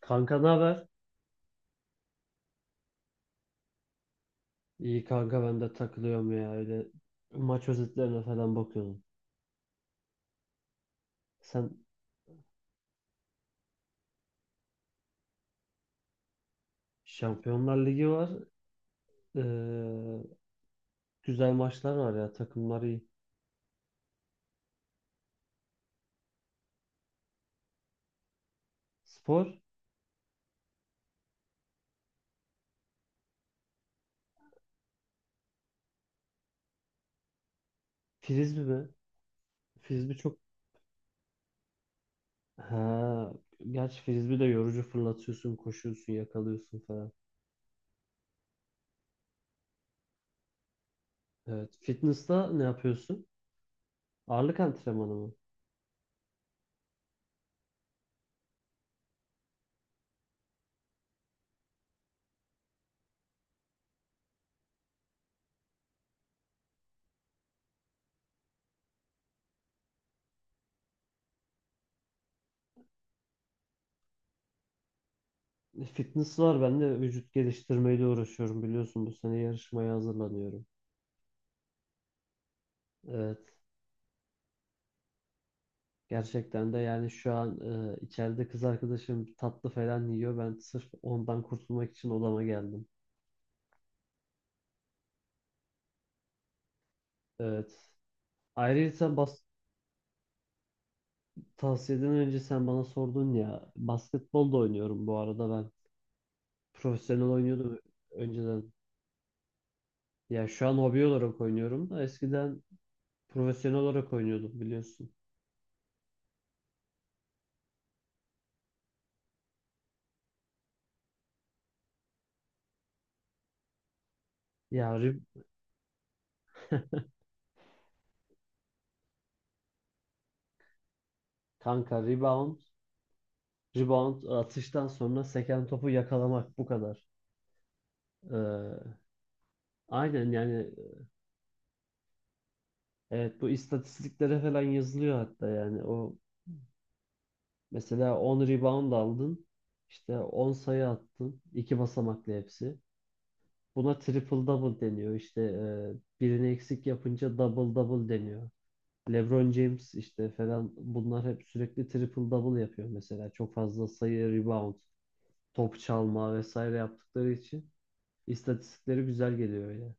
Kanka ne haber? İyi kanka ben de takılıyorum ya öyle maç özetlerine falan bakıyordum. Sen Şampiyonlar Ligi var. Ee, Güzel maçlar var ya takımlar iyi. Spor frisbee mi? Frisbee çok ha gerçi frisbee de yorucu fırlatıyorsun, koşuyorsun, yakalıyorsun falan. Evet. Fitness'ta ne yapıyorsun? Ağırlık antrenmanı mı? Fitness var. Ben de vücut geliştirmeyle uğraşıyorum biliyorsun. Bu sene yarışmaya hazırlanıyorum. Evet. Gerçekten de yani şu an içeride kız arkadaşım tatlı falan yiyor. Ben sırf ondan kurtulmak için odama geldim. Evet. Ayrıca tavsiyeden önce sen bana sordun ya basketbol da oynuyorum bu arada ben. Profesyonel oynuyordum önceden. Ya şu an hobi olarak oynuyorum da eskiden profesyonel olarak oynuyordum biliyorsun. Ya rib- Kanka rebound atıştan sonra seken topu yakalamak bu kadar. Ee, aynen yani. Evet bu istatistiklere falan yazılıyor hatta yani o mesela 10 rebound aldın işte 10 sayı attın iki basamaklı hepsi. Buna triple double deniyor işte birini eksik yapınca double double deniyor. LeBron James işte falan bunlar hep sürekli triple double yapıyor mesela çok fazla sayı rebound top çalma vesaire yaptıkları için istatistikleri güzel geliyor.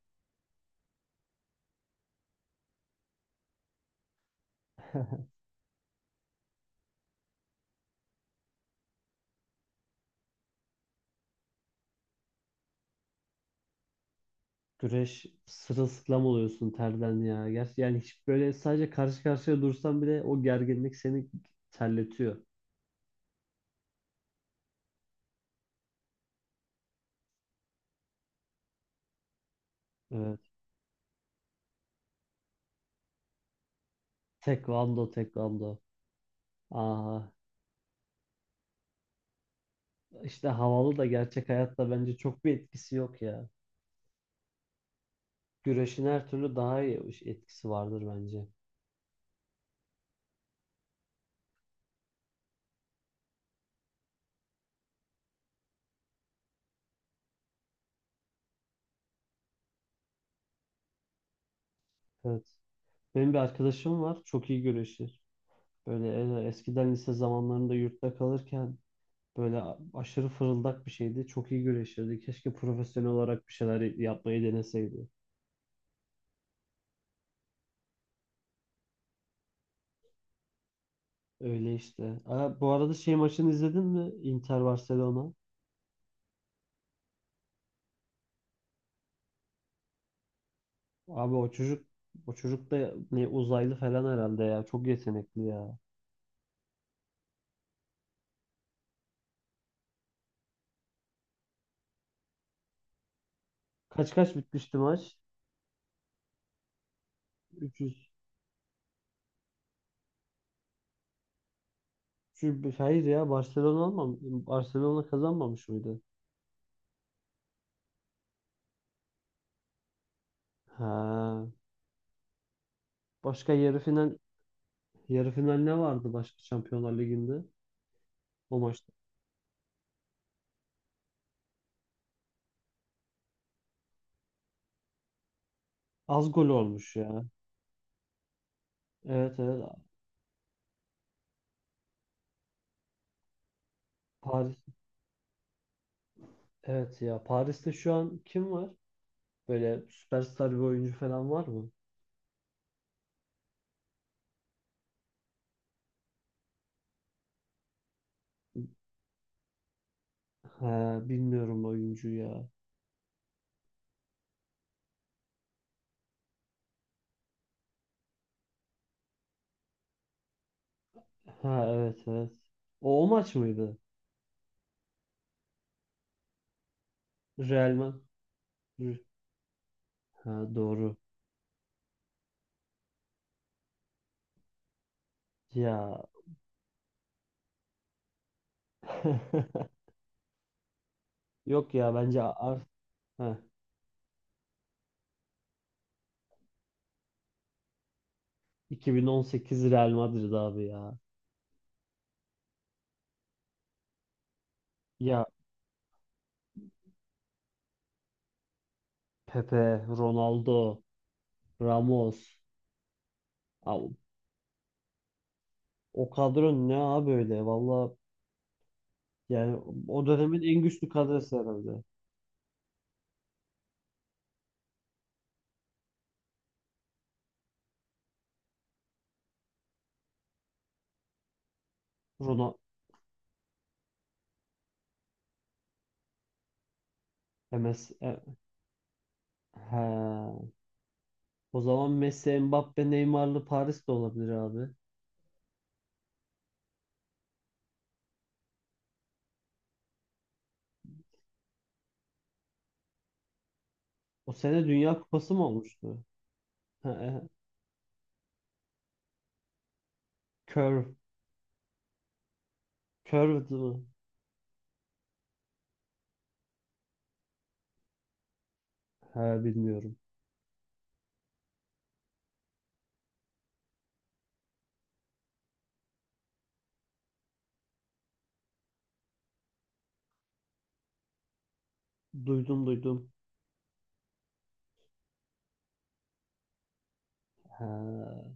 Güreş sırılsıklam oluyorsun terden ya. Gerçi yani hiç böyle sadece karşı karşıya dursan bile o gerginlik seni terletiyor. Evet. Tekvando, tekvando. Aa, işte havalı da gerçek hayatta bence çok bir etkisi yok ya. Güreşin her türlü daha iyi etkisi vardır bence. Evet. Benim bir arkadaşım var. Çok iyi güreşir. Böyle eskiden lise zamanlarında yurtta kalırken böyle aşırı fırıldak bir şeydi. Çok iyi güreşirdi. Keşke profesyonel olarak bir şeyler yapmayı deneseydi. Öyle işte. Bu arada şey maçını izledin mi? Inter Barcelona. Abi o çocuk da ne uzaylı falan herhalde ya. Çok yetenekli ya. Kaç kaç bitmişti maç? 300. Hayır ya Barcelona almam. Barcelona kazanmamış mıydı? Ha. Başka yarı final ne vardı başka Şampiyonlar Ligi'nde? O maçta. Az gol olmuş ya. Evet evet. Paris. Evet ya. Paris'te şu an kim var? Böyle süperstar bir oyuncu falan var mı? Ha, bilmiyorum oyuncu ya. Ha evet evet. O maç mıydı? Real Ma- Ha doğru. Ya. Yok ya bence ha, 2018 Real Madrid abi ya. Ya Pepe, Ronaldo, Ramos. Abi, o kadro ne abi öyle? Valla yani o dönemin en güçlü kadrosu herhalde. Ronaldo, MS, ha. O zaman Messi, Mbappe, Neymar'lı Paris de olabilir abi. O sene Dünya Kupası mı olmuştu? Ha, e, Curve. Curved mı? Ha, bilmiyorum. Duydum duydum. Ha,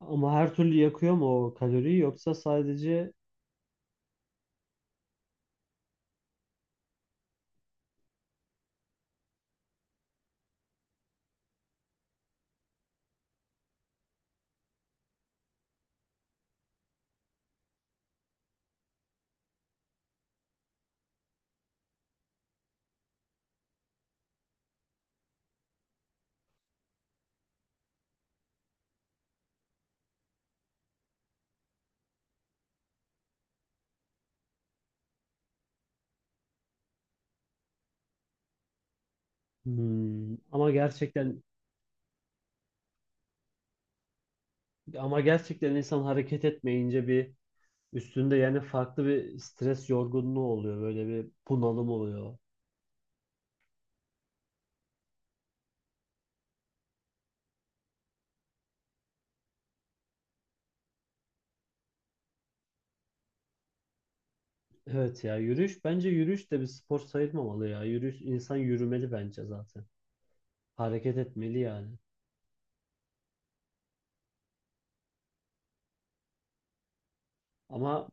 ama her türlü yakıyor mu o kaloriyi yoksa sadece. Ama gerçekten insan hareket etmeyince bir üstünde yani farklı bir stres yorgunluğu oluyor. Böyle bir bunalım oluyor. Evet ya yürüyüş bence yürüyüş de bir spor sayılmamalı ya. Yürüyüş insan yürümeli bence zaten. Hareket etmeli yani. Ama.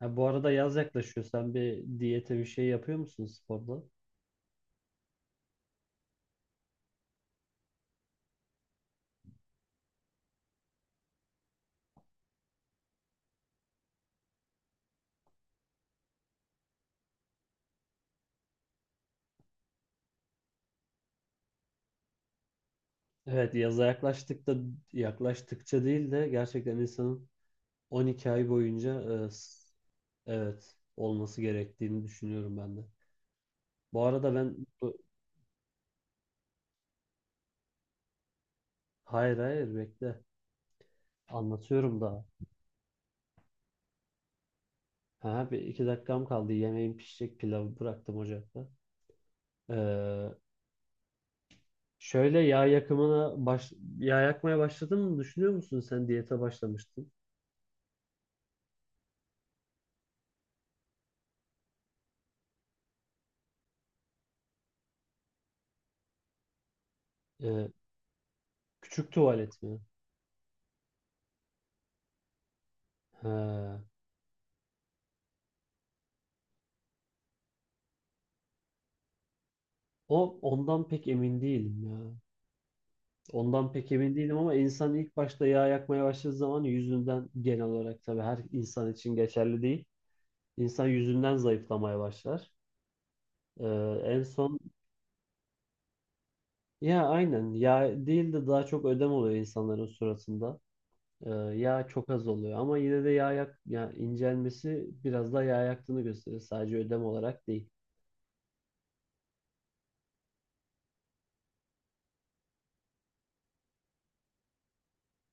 Ha, bu arada yaz yaklaşıyor. Sen bir diyete bir şey yapıyor musun sporda? Evet, yaza yaklaştık da yaklaştıkça değil de gerçekten insanın 12 ay boyunca evet olması gerektiğini düşünüyorum ben de. Bu arada ben hayır hayır bekle anlatıyorum daha. Ha, bir iki dakikam kaldı. Yemeğim pişecek pilavı bıraktım ocakta. Ee, Şöyle yağ yakımına yağ yakmaya başladın mı düşünüyor musun? Sen diyete başlamıştın. Ee, Küçük tuvalet mi? He. Ondan pek emin değilim ya. Ondan pek emin değilim ama insan ilk başta yağ yakmaya başladığı zaman yüzünden genel olarak tabii her insan için geçerli değil. İnsan yüzünden zayıflamaya başlar. Ee, En son ya aynen yağ değil de daha çok ödem oluyor insanların suratında. Yağ çok az oluyor ama yine de yağ yak ya incelmesi biraz daha yağ yaktığını gösterir. Sadece ödem olarak değil.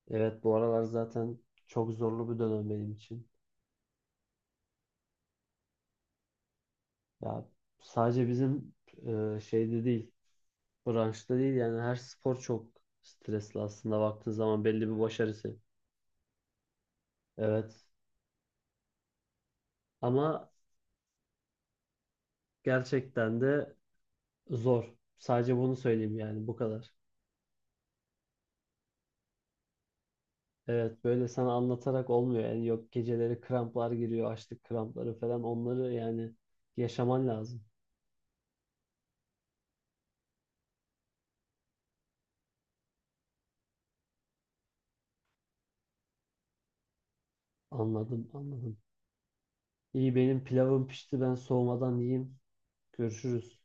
Evet bu aralar zaten çok zorlu bir dönem benim için. Ya sadece bizim şeyde değil, branşta değil yani her spor çok stresli aslında baktığın zaman belli bir başarısı. Evet. Ama gerçekten de zor. Sadece bunu söyleyeyim yani bu kadar. Evet böyle sana anlatarak olmuyor. Yani yok geceleri kramplar giriyor, açlık krampları falan onları yani yaşaman lazım. Anladım, anladım. İyi benim pilavım pişti ben soğumadan yiyeyim. Görüşürüz.